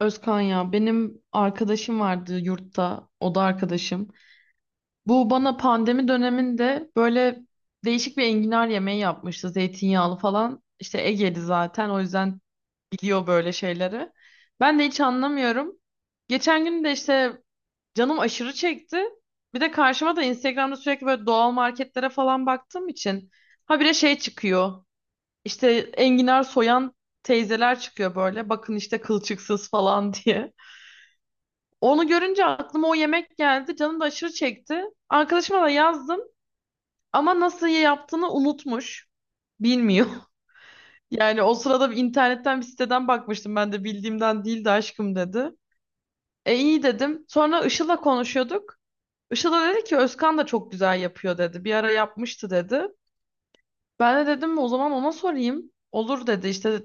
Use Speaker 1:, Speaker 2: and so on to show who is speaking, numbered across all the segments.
Speaker 1: Özkan ya benim arkadaşım vardı yurtta, o da arkadaşım. Bu bana pandemi döneminde böyle değişik bir enginar yemeği yapmıştı, zeytinyağlı falan. İşte Ege'li zaten, o yüzden biliyor böyle şeyleri. Ben de hiç anlamıyorum. Geçen gün de işte canım aşırı çekti. Bir de karşıma da Instagram'da sürekli böyle doğal marketlere falan baktığım için habire şey çıkıyor. İşte enginar soyan teyzeler çıkıyor böyle. Bakın işte kılçıksız falan diye. Onu görünce aklıma o yemek geldi. Canım da aşırı çekti. Arkadaşıma da yazdım ama nasıl yaptığını unutmuş. Bilmiyor. Yani o sırada bir internetten bir siteden bakmıştım, ben de bildiğimden değil de, aşkım dedi. E iyi dedim. Sonra Işıl'la konuşuyorduk. Işıl da dedi ki Özkan da çok güzel yapıyor dedi. Bir ara yapmıştı dedi. Ben de dedim o zaman ona sorayım. Olur dedi işte,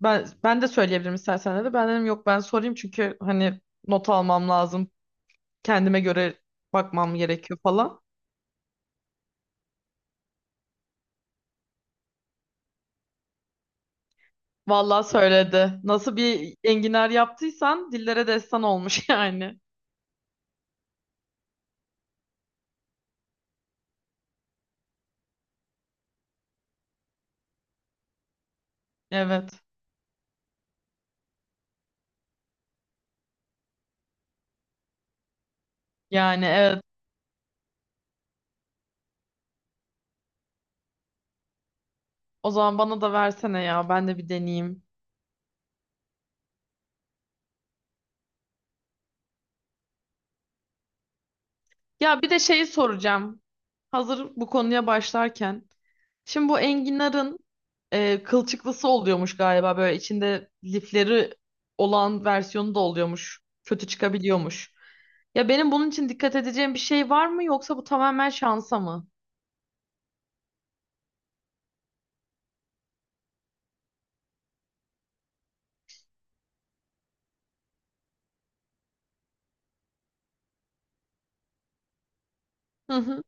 Speaker 1: ben de söyleyebilirim istersen dedi. Ben dedim yok, ben sorayım çünkü hani not almam lazım. Kendime göre bakmam gerekiyor falan. Vallahi söyledi. Nasıl bir enginar yaptıysan dillere destan olmuş yani. Evet. Yani evet. O zaman bana da versene ya. Ben de bir deneyeyim. Ya bir de şeyi soracağım. Hazır bu konuya başlarken. Şimdi bu enginarın kılçıklısı oluyormuş galiba. Böyle içinde lifleri olan versiyonu da oluyormuş. Kötü çıkabiliyormuş. Ya benim bunun için dikkat edeceğim bir şey var mı, yoksa bu tamamen şansa mı? Hı hı.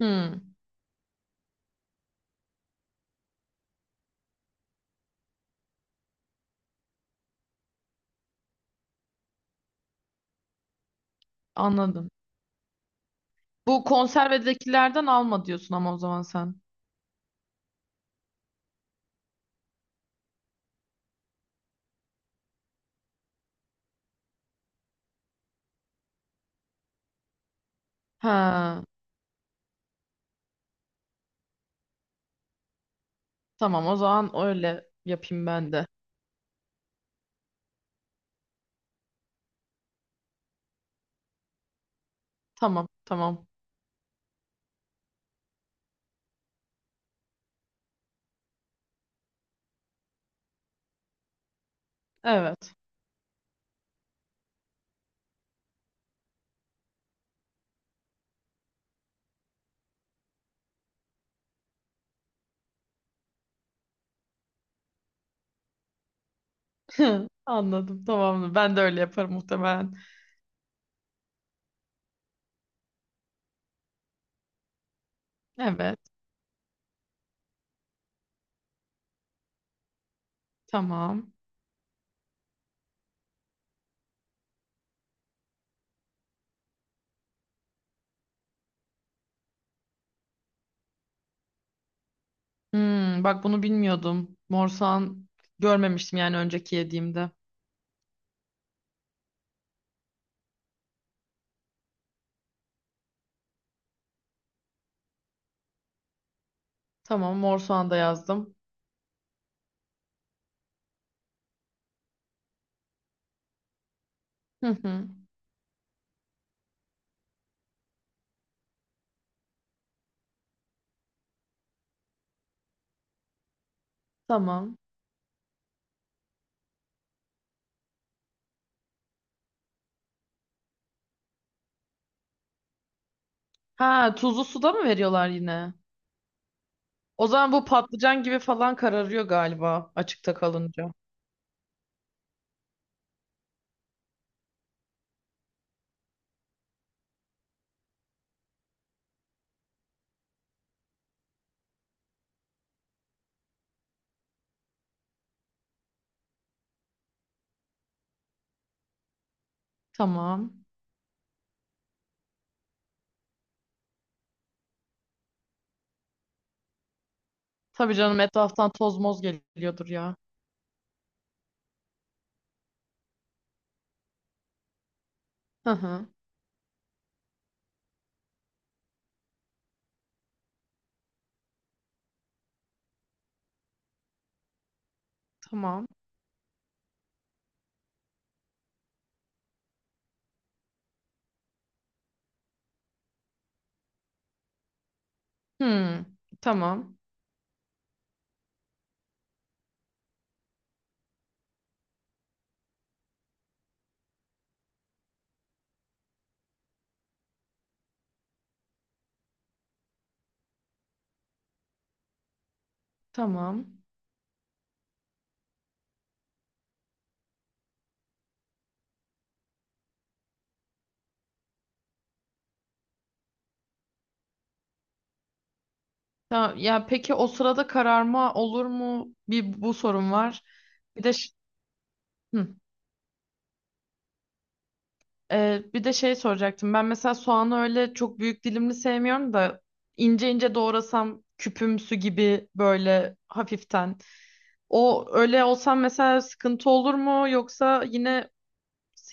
Speaker 1: Hı, anladım. Bu konservedekilerden alma diyorsun ama o zaman sen. Ha, tamam, o zaman öyle yapayım ben de. Tamam tamam. Evet. Anladım tamam. Ben de öyle yaparım muhtemelen. Evet tamam. Hmm, bak bunu bilmiyordum. Mor soğan görmemiştim yani önceki yediğimde. Tamam, mor soğan da yazdım. Hı hı. Tamam. Ha, tuzlu suda mı veriyorlar yine? O zaman bu patlıcan gibi falan kararıyor galiba açıkta kalınca. Tamam. Tabii canım, etraftan toz moz geliyordur ya. Hı hı. Tamam. Hmm. Tamam. Tamam. Tamam. Ya peki o sırada kararma olur mu? Bir bu sorun var. Bir de ş- hı. Bir de şey soracaktım. Ben mesela soğanı öyle çok büyük dilimli sevmiyorum da, ince ince doğrasam küpümsü gibi böyle hafiften. O öyle olsam mesela sıkıntı olur mu? Yoksa yine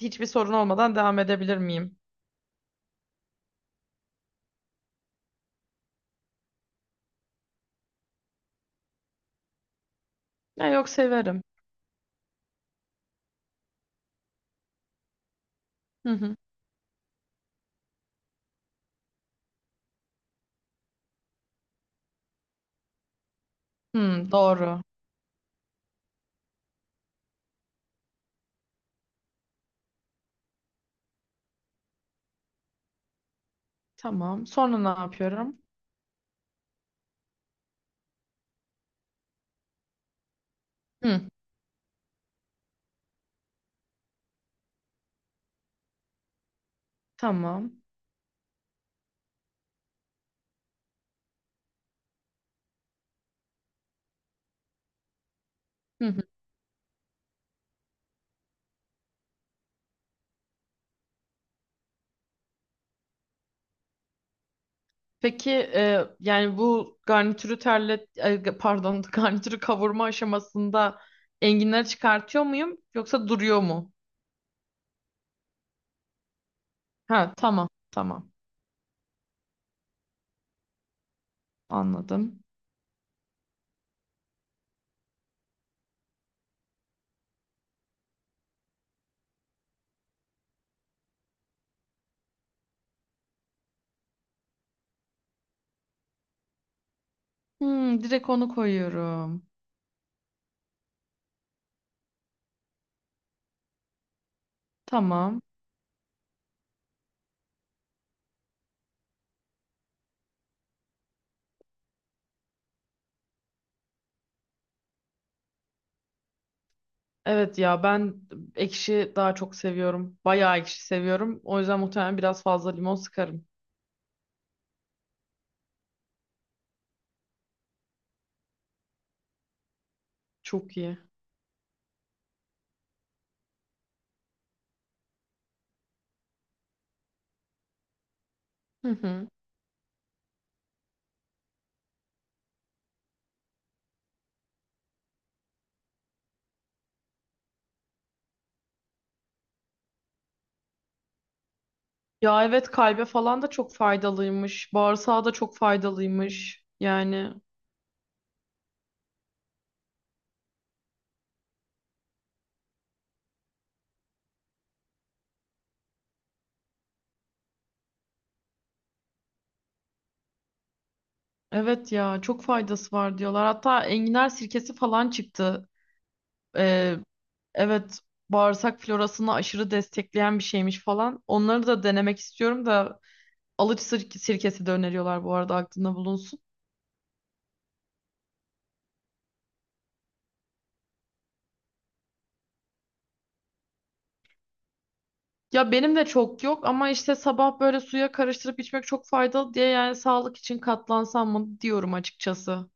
Speaker 1: hiçbir sorun olmadan devam edebilir miyim? Ya yok, severim. Hı hı. Hmm, doğru. Tamam. Sonra ne yapıyorum? Hı, tamam. Hı hı. Peki yani bu garnitürü terlet e, pardon garnitürü kavurma aşamasında enginleri çıkartıyor muyum yoksa duruyor mu? Ha tamam tamam, anladım. Hmm, direkt onu koyuyorum. Tamam. Evet ya, ben ekşi daha çok seviyorum. Bayağı ekşi seviyorum. O yüzden muhtemelen biraz fazla limon sıkarım. Çok iyi. Hı hı. Ya evet, kalbe falan da çok faydalıymış. Bağırsağa da çok faydalıymış. Yani evet ya, çok faydası var diyorlar. Hatta enginar sirkesi falan çıktı. Ee, evet, bağırsak florasını aşırı destekleyen bir şeymiş falan. Onları da denemek istiyorum da, sirkesi de öneriyorlar, bu arada aklında bulunsun. Ya benim de çok yok ama işte sabah böyle suya karıştırıp içmek çok faydalı diye, yani sağlık için katlansam mı diyorum açıkçası.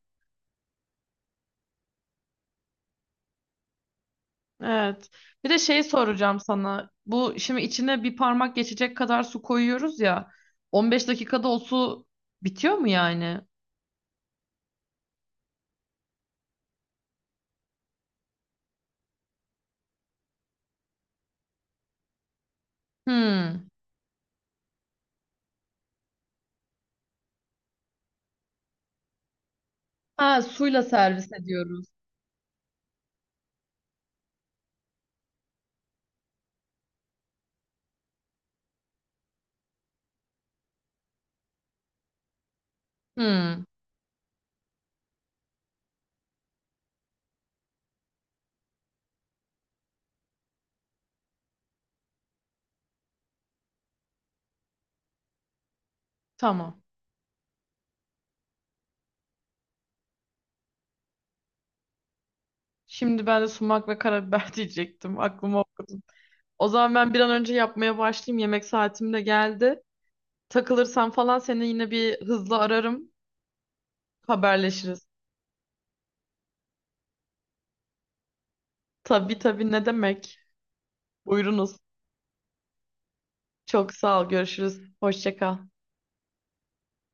Speaker 1: Evet. Bir de şey soracağım sana. Bu şimdi içine bir parmak geçecek kadar su koyuyoruz ya. 15 dakikada o su bitiyor mu yani? Hmm. Ha, suyla servis ediyoruz. Hmm. Tamam. Şimdi ben de sumak ve karabiber diyecektim. Aklıma okudum. O zaman ben bir an önce yapmaya başlayayım. Yemek saatim de geldi. Takılırsam falan seni yine bir hızlı ararım. Haberleşiriz. Tabii tabii, ne demek. Buyurunuz. Çok sağ ol. Görüşürüz. Hoşça kal.